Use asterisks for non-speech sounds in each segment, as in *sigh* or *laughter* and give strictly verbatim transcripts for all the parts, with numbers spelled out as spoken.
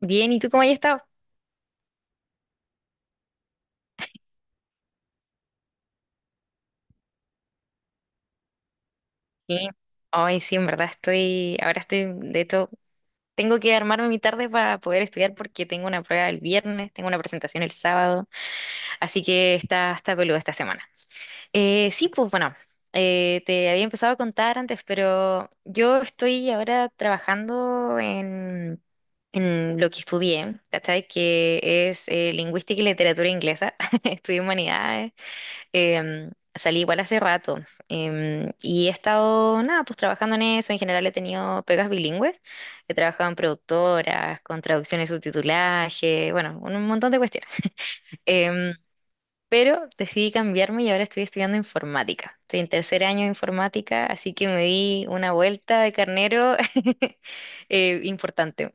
Bien, ¿y tú cómo has estado? Bien. Ay, sí, en verdad estoy, ahora estoy, de hecho, tengo que armarme mi tarde para poder estudiar porque tengo una prueba el viernes, tengo una presentación el sábado, así que está, está peluda esta semana. Eh, sí, pues bueno, eh, te había empezado a contar antes, pero yo estoy ahora trabajando en, en lo que estudié, ¿cachai? Que es eh, lingüística y literatura inglesa. *laughs* Estudié humanidades. Em, salí igual hace rato, em, y he estado, nada, pues trabajando en eso. En general he tenido pegas bilingües. He trabajado en productoras, con traducciones, subtitulaje, bueno, un montón de cuestiones. *laughs* Em, pero decidí cambiarme y ahora estoy estudiando informática. Estoy en tercer año de informática, así que me di una vuelta de carnero, *laughs* eh, importante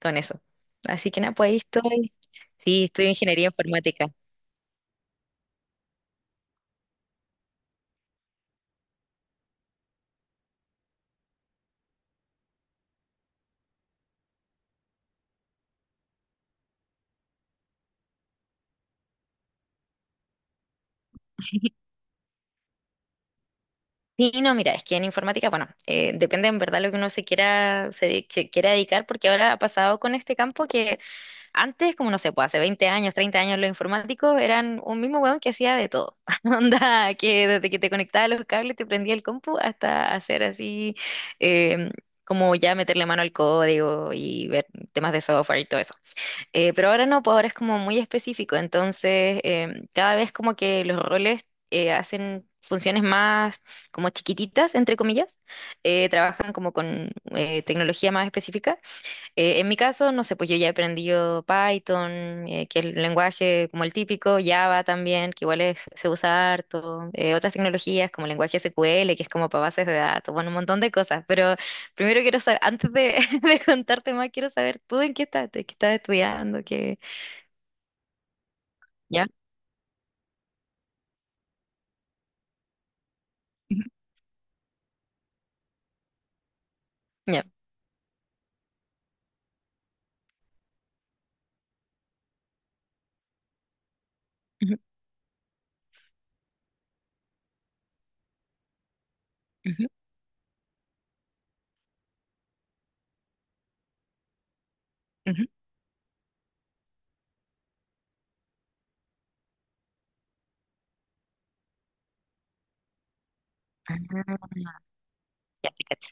con eso. Así que nada, pues ahí estoy. Sí, estudio ingeniería informática. Sí, no, mira, es que en informática, bueno, eh, depende en verdad lo que uno se quiera, se, de- se quiera dedicar, porque ahora ha pasado con este campo que antes, como no sé, pues hace veinte años, treinta años, los informáticos eran un mismo weón que hacía de todo. *laughs* Onda, que desde que te conectaba los cables, te prendía el compu, hasta hacer así, eh, como ya meterle mano al código y ver temas de software y todo eso. Eh, pero ahora no, pues ahora es como muy específico, entonces em, cada vez como que los roles eh, hacen funciones más como chiquititas, entre comillas, eh, trabajan como con eh, tecnología más específica. Eh, en mi caso, no sé, pues yo ya he aprendido Python, eh, que es el lenguaje como el típico, Java también, que igual es- se usa harto. Eh, otras tecnologías como el lenguaje S Q L, que es como para bases de datos, bueno, un montón de cosas, pero primero quiero saber, antes de, *laughs* de contarte más, quiero saber tú en qué estás, qué estás estudiando, qué... ¿Ya? Ujú. Ya. Ujú, ujú, ujú. Ah, ya te cacho,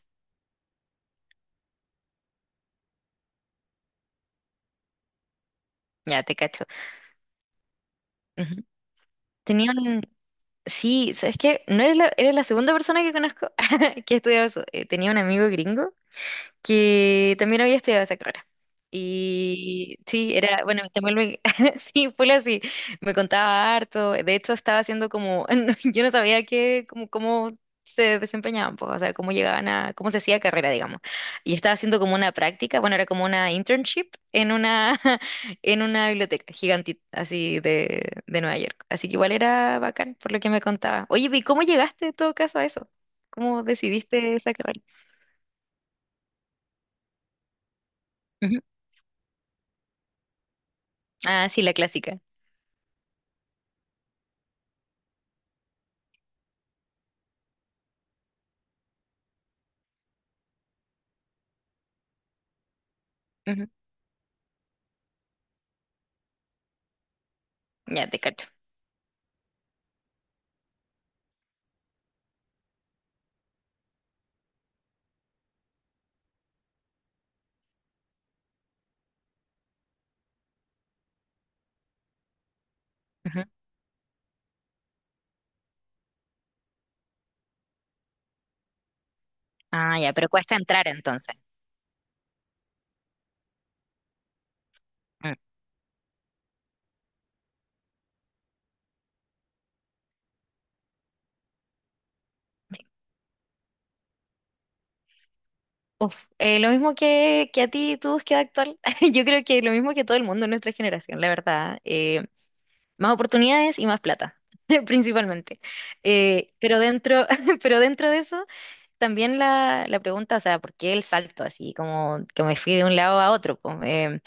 ya te cacho. Ujú. Tenía un... Sí, ¿sabes qué? No eres la, Eres la segunda persona que conozco *laughs* que estudia eso. Eh, tenía un amigo gringo que también había estudiado esa carrera. Y sí, era, bueno, también me, *laughs* sí, fue así, me contaba harto. De hecho estaba haciendo como, *laughs* yo no sabía qué como, cómo se desempeñaban, pues, o sea, cómo llegaban a, cómo se hacía carrera, digamos. Y estaba haciendo como una práctica, bueno, era como una internship en una, *laughs* en una biblioteca gigantita, así de, de Nueva York. Así que igual era bacán, por lo que me contaba. Oye, ¿y cómo llegaste en todo caso a eso? ¿Cómo decidiste esa carrera? Ujú. Ah, sí, la clásica. Ujú. Ya te cacho. Ujú. Ah, ya, pero cuesta entrar entonces. Mm. Uf, eh, lo mismo que, que a ti tu búsqueda actual. *laughs* Yo creo que lo mismo que todo el mundo en nuestra generación, la verdad. Eh, más oportunidades y más plata, *laughs* principalmente. Eh, pero dentro, *laughs* pero dentro de eso, también la, la pregunta, o sea, ¿por qué el salto así? Como que me fui de un lado a otro, po. eh,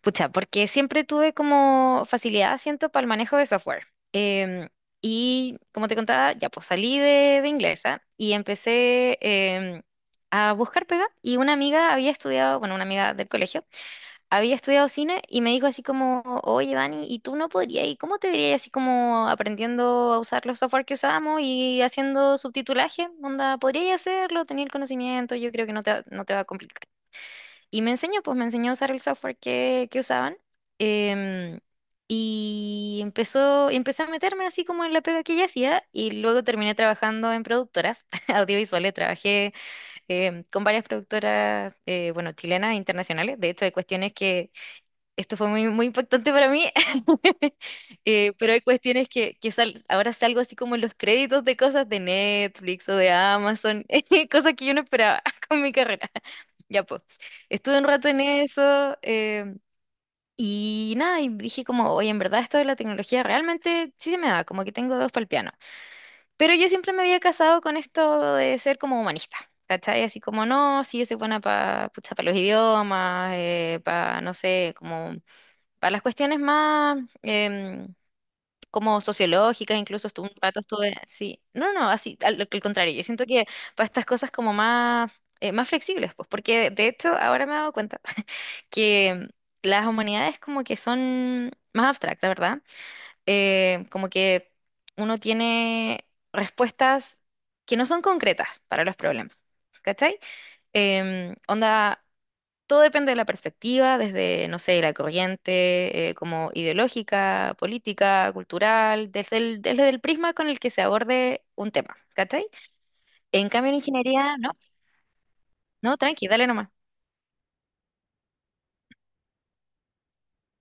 Pucha, porque siempre tuve como facilidad, siento, para el manejo de software. Em, y como te contaba, ya pues salí de, de inglesa y empecé, em, a buscar pega. Y una amiga había estudiado, bueno, una amiga del colegio, había estudiado cine y me dijo así como, oye Dani, ¿y tú no podrías? ¿Y cómo te verías así como aprendiendo a usar los software que usamos y haciendo subtitulaje? Onda, ¿podrías hacerlo? Tenía el conocimiento, yo creo que no te, va- no te va a complicar. Y me enseñó, pues me enseñó a usar el software que, que usaban. em, y empezó, empecé a meterme así como en la pega que ella hacía. Y luego terminé trabajando en productoras *laughs* audiovisuales. Trabajé, em, con varias productoras, eh, bueno, chilenas e internacionales. De hecho, hay cuestiones que, esto fue muy, muy impactante para mí. *laughs* Eh, pero hay cuestiones que, que sal- ahora salgo así como en los créditos de cosas de Netflix o de Amazon, *laughs* cosas que yo no esperaba *laughs* con mi carrera. Ya pues, estuve un rato en eso, eh, y nada, y dije como, oye, en verdad esto de la tecnología realmente sí se me da, como que tengo dos para el piano. Pero yo siempre me había casado con esto de ser como humanista, ¿cachai? Así como, no, sí, yo soy buena para para los idiomas, para, no sé, como para las cuestiones más, em, como sociológicas. Incluso estuve un rato estuve, sí, no, no, así, al, al contrario, yo siento que para estas cosas como más, eh, más flexibles, pues, porque de hecho ahora me he dado cuenta *laughs* que las humanidades como que son más abstractas, ¿verdad? Eh, como que uno tiene respuestas que no son concretas para los problemas, ¿cachai? Em, onda todo depende de la perspectiva, desde, no sé, la corriente eh, como ideológica, política, cultural, desde el, desde el prisma con el que se aborde un tema, ¿cachai? En cambio, en ingeniería, no, no, tranqui, dale nomás.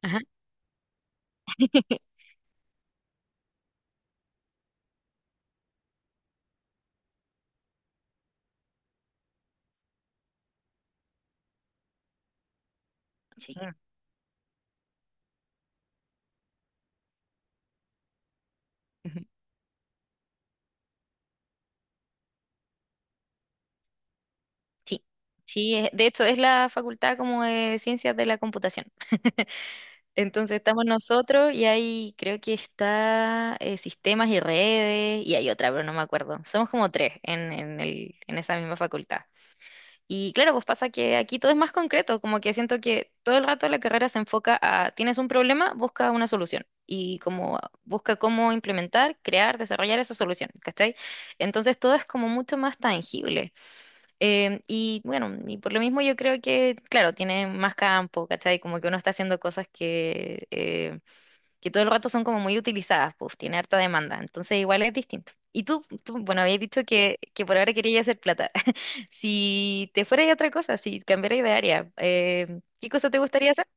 Ajá. *laughs* Sí. Ujú. Sí, sí, es- de hecho es la facultad como de ciencias de la computación. *laughs* Entonces estamos nosotros y ahí creo que está, eh, sistemas y redes y hay otra, pero no me acuerdo. Somos como tres en, en el, en esa misma facultad. Y claro, pues pasa que aquí todo es más concreto, como que siento que todo el rato la carrera se enfoca a, tienes un problema, busca una solución y como busca cómo implementar, crear, desarrollar esa solución, ¿cachai? Entonces todo es como mucho más tangible. Eh, y bueno, y por lo mismo yo creo que, claro, tiene más campo, ¿cachai? Como que uno está haciendo cosas que, eh, que todo el rato son como muy utilizadas, pues tiene harta demanda, entonces igual es distinto. Y tú, tú, bueno, habías dicho que, que por ahora querías hacer plata. *laughs* Si te fueras a otra cosa, si cambiaras de área, eh, ¿qué cosa te gustaría hacer?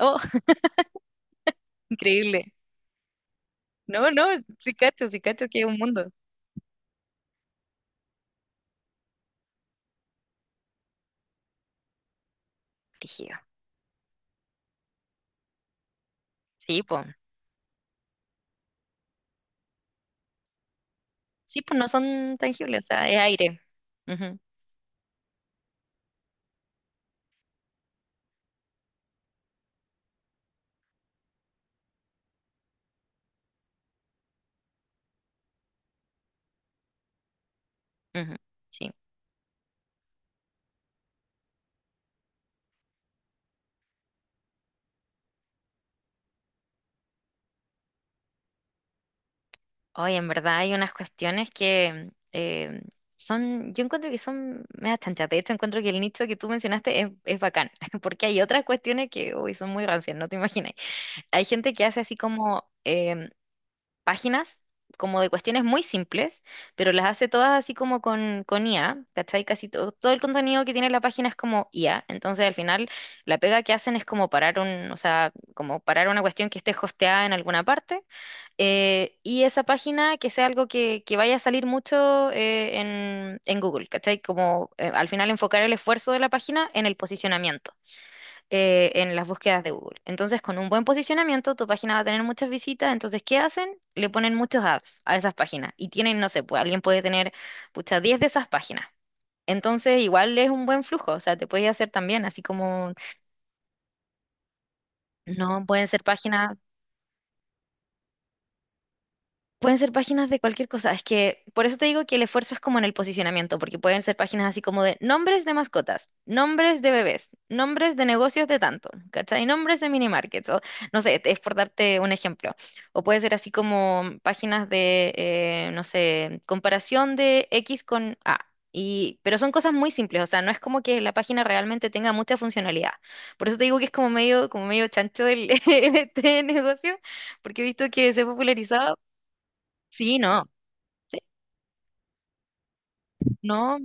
Oh, *laughs* increíble. No, no, sí cacho, sí cacho que es un mundo. Rígido. Sí, pues. Sí, pues no son tangibles, o sea, es aire. Ujú, ujú. Sí. Hoy en verdad hay unas cuestiones que, eh, son, yo encuentro que son medio chanchas. De hecho, encuentro que el nicho que tú mencionaste es, es bacán, *laughs* porque hay otras cuestiones que hoy son muy rancias, no te imaginas. Hay gente que hace así como, em, páginas, como de cuestiones muy simples, pero las hace todas así como con, con I A, ¿cachai? Casi todo, todo el contenido que tiene la página es como I A. Entonces, al final, la pega que hacen es como parar un, o sea, como parar una cuestión que esté hosteada en alguna parte, eh, y esa página que sea algo que, que vaya a salir mucho, eh, en, en Google, ¿cachai? Como eh, al final enfocar el esfuerzo de la página en el posicionamiento, eh, en las búsquedas de Google. Entonces, con un buen posicionamiento, tu página va a tener muchas visitas. Entonces, ¿qué hacen? Le ponen muchos ads a esas páginas. Y tienen, no sé, pues alguien puede tener, pucha, diez de esas páginas. Entonces, igual es un buen flujo, o sea, te puedes hacer también, así como, no, pueden ser páginas. Pueden ser páginas de cualquier cosa. Es que por eso te digo que el esfuerzo es como en el posicionamiento, porque pueden ser páginas así como de nombres de mascotas, nombres de bebés, nombres de negocios de tanto, ¿cachai? Nombres de mini markets, o no sé, es por darte un ejemplo. O puede ser así como páginas de, eh, no sé, comparación de X con A. Y, pero son cosas muy simples, o sea, no es como que la página realmente tenga mucha funcionalidad. Por eso te digo que es como medio, como medio chancho el, *laughs* este negocio, porque he visto que se ha popularizado. Sí, no, sí, no,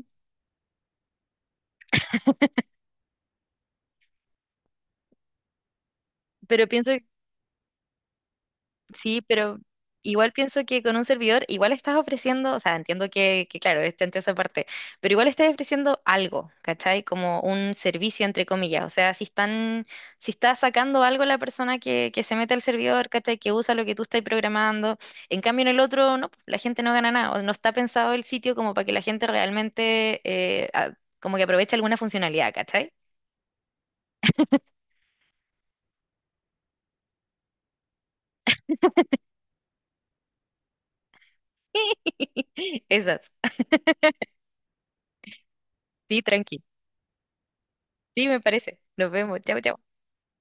pero pienso, sí, pero igual pienso que con un servidor igual estás ofreciendo, o sea, entiendo que, que claro, está entre esa parte, pero igual estás ofreciendo algo, ¿cachai? Como un servicio, entre comillas, o sea, si están, si está sacando algo la persona que, que se mete al servidor, ¿cachai? Que usa lo que tú estás programando, en cambio en el otro, no, pues, la gente no gana nada, o no está pensado el sitio como para que la gente realmente, eh, a- como que aproveche alguna funcionalidad, ¿cachai? *laughs* Esas, sí, tranqui. Sí, me parece. Nos vemos. Chao, chao.